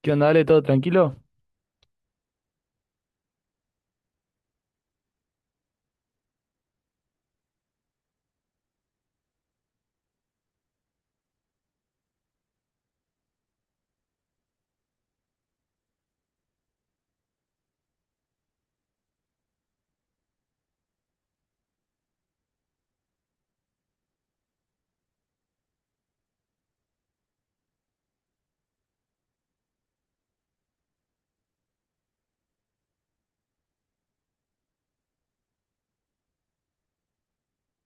¿Qué onda? Dale, ¿todo tranquilo?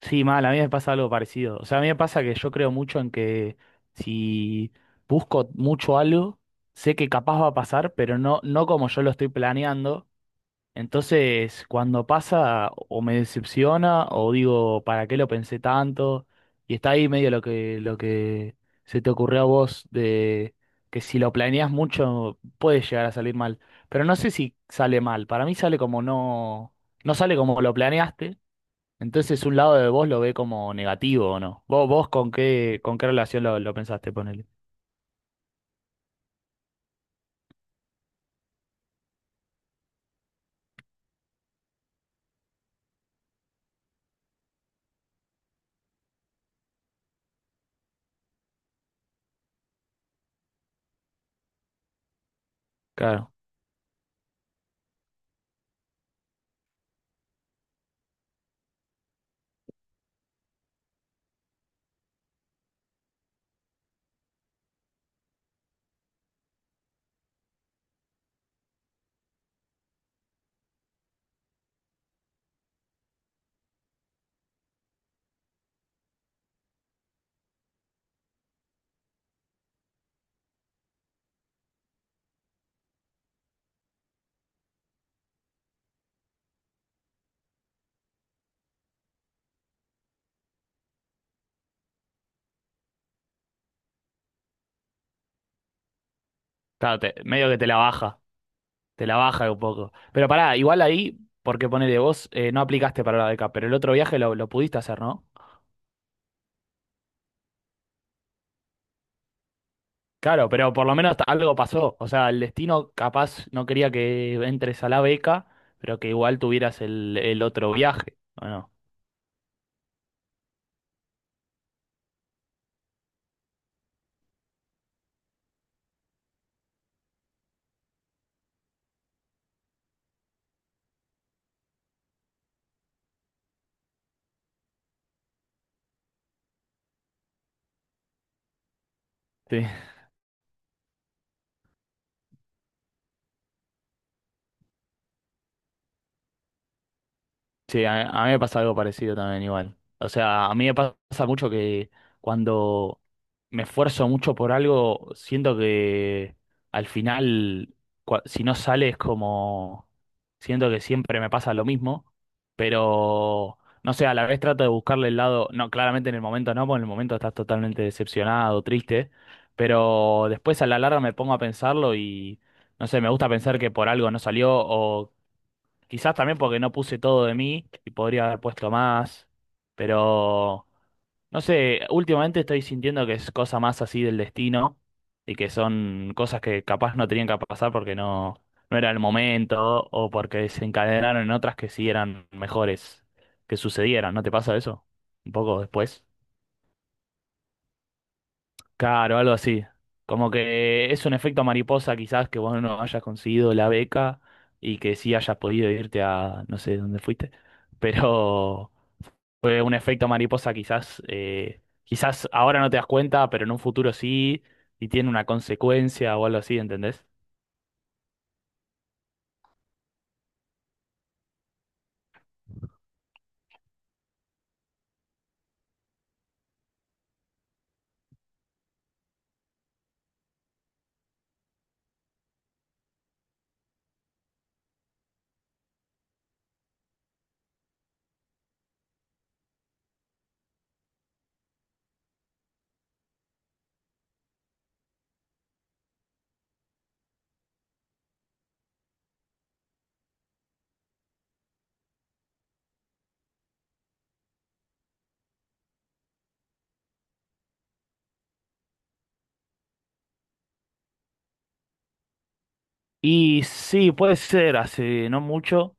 Sí, mal, a mí me pasa algo parecido. O sea, a mí me pasa que yo creo mucho en que si busco mucho algo, sé que capaz va a pasar, pero no como yo lo estoy planeando. Entonces, cuando pasa, o me decepciona, o digo, ¿para qué lo pensé tanto? Y está ahí medio lo que se te ocurrió a vos de que si lo planeas mucho puede llegar a salir mal. Pero no sé si sale mal. Para mí sale como no sale como lo planeaste. Entonces un lado de vos lo ve como negativo, ¿o no? ¿Vos con qué relación lo pensaste, ponele? Claro, claro, medio que te la baja un poco. Pero pará, igual ahí, porque ponele vos, no aplicaste para la beca, pero el otro viaje lo pudiste hacer, ¿no? Claro, pero por lo menos algo pasó. O sea, el destino capaz no quería que entres a la beca, pero que igual tuvieras el otro viaje, ¿o no? Sí, a mí me pasa algo parecido también igual. O sea, a mí me pasa mucho que cuando me esfuerzo mucho por algo, siento que al final, si no sale es como, siento que siempre me pasa lo mismo, pero no sé, a la vez trato de buscarle el lado, no, claramente en el momento no, porque en el momento estás totalmente decepcionado, triste, pero después a la larga me pongo a pensarlo y, no sé, me gusta pensar que por algo no salió o quizás también porque no puse todo de mí y podría haber puesto más, pero no sé, últimamente estoy sintiendo que es cosa más así del destino y que son cosas que capaz no tenían que pasar porque no era el momento o porque se encadenaron en otras que sí eran mejores que sucedieran. ¿No te pasa eso? Un poco después. Claro, algo así. Como que es un efecto mariposa quizás que vos no hayas conseguido la beca y que sí hayas podido irte a no sé dónde fuiste, pero fue un efecto mariposa quizás, quizás ahora no te das cuenta, pero en un futuro sí y tiene una consecuencia o algo así, ¿entendés? Y sí, puede ser, hace no mucho,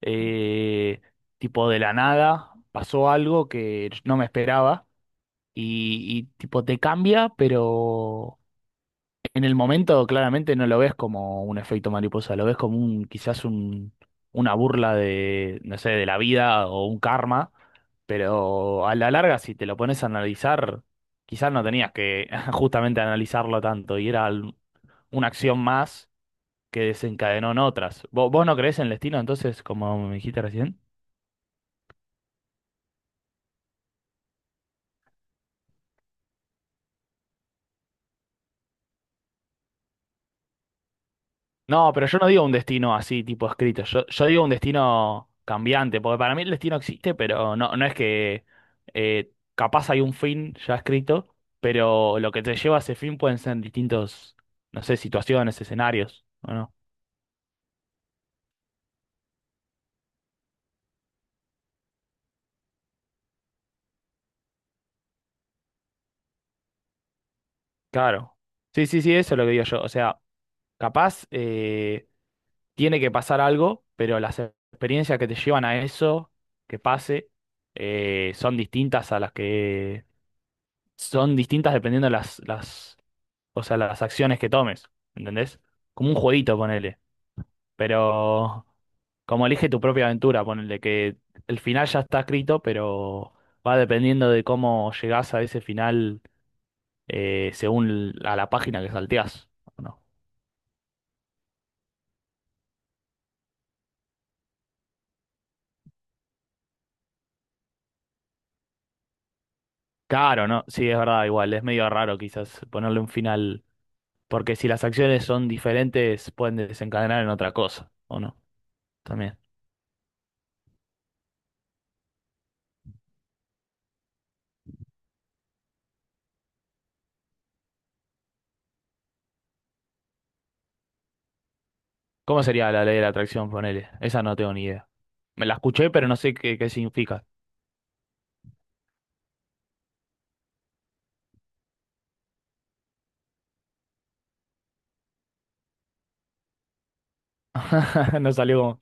eh, tipo de la nada, pasó algo que no me esperaba y tipo te cambia, pero... En el momento claramente no lo ves como un efecto mariposa, lo ves como un quizás un, una burla de, no sé, de la vida o un karma, pero a la larga si te lo pones a analizar, quizás no tenías que justamente analizarlo tanto y era una acción más que desencadenó en otras. ¿Vos no creés en el destino entonces, como me dijiste recién? No, pero yo no digo un destino así, tipo escrito. Yo digo un destino cambiante, porque para mí el destino existe, pero no es que capaz hay un fin ya escrito, pero lo que te lleva a ese fin pueden ser distintos, no sé, situaciones, escenarios, ¿o no? Claro. Sí, sí, sí, eso es lo que digo yo. O sea, capaz tiene que pasar algo, pero las experiencias que te llevan a eso, que pase, son distintas a las que son distintas dependiendo de las o sea, las acciones que tomes, ¿entendés? Como un jueguito, ponele. Pero como elige tu propia aventura, ponele que el final ya está escrito, pero va dependiendo de cómo llegás a ese final según a la página que salteás. ¿O no? Claro, ¿no? Sí, es verdad, igual, es medio raro quizás ponerle un final, porque si las acciones son diferentes, pueden desencadenar en otra cosa, ¿o no? También. ¿Cómo sería la ley de la atracción, ponele? Esa no tengo ni idea. Me la escuché, pero no sé qué, qué significa. No salió como.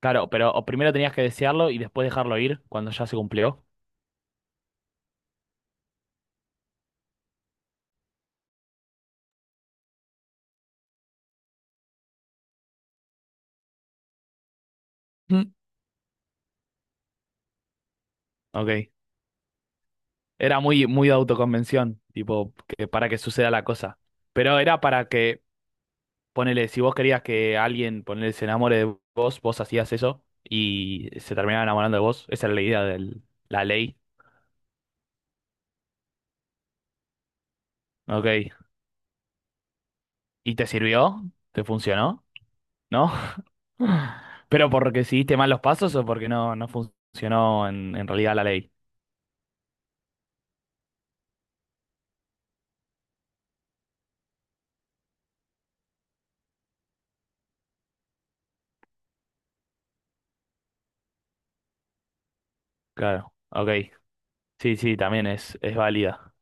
Claro, pero o primero tenías que desearlo y después dejarlo ir cuando ya se cumplió. Mm. Ok. Era muy de autoconvención, tipo, que para que suceda la cosa. Pero era para que, ponele, si vos querías que alguien, ponele, se enamore de vos, vos hacías eso y se terminaba enamorando de vos. Esa era la idea de la ley. Ok. ¿Y te sirvió? ¿Te funcionó? ¿No? ¿Pero porque seguiste mal los pasos o porque no funcionó en realidad la ley? Claro. Ok. Sí, sí, también es válida.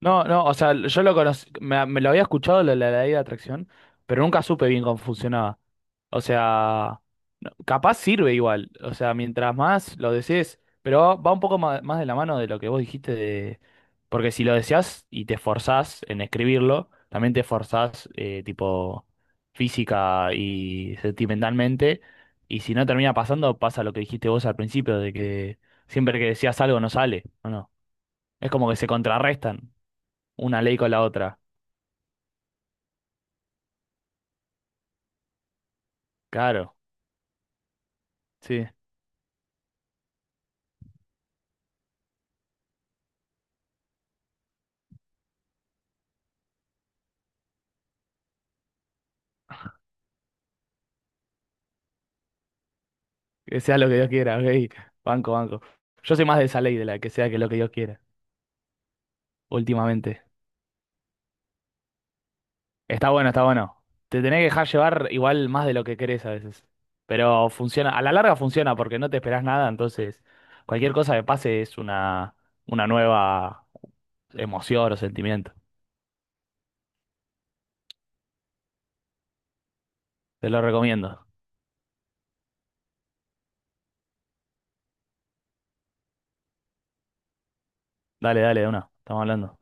No, no, o sea, yo lo conocí, me lo había escuchado lo de la ley de atracción, pero nunca supe bien cómo funcionaba. O sea, capaz sirve igual, o sea, mientras más lo desees, pero va un poco más, de la mano de lo que vos dijiste de... Porque si lo deseas y te esforzás en escribirlo, también te esforzás tipo física y sentimentalmente, y si no termina pasando, pasa lo que dijiste vos al principio, de que siempre que deseas algo no sale, ¿o no? Es como que se contrarrestan una ley con la otra. Claro, sí. Que sea lo que Dios quiera, ok. Banco, banco. Yo soy más de esa ley, de la que sea que lo que Dios quiera, últimamente. Está bueno, está bueno. Te tenés que dejar llevar igual más de lo que querés a veces. Pero funciona, a la larga funciona porque no te esperás nada, entonces cualquier cosa que pase es una nueva emoción o sentimiento. Te lo recomiendo. Dale, dale, de una. Estamos hablando.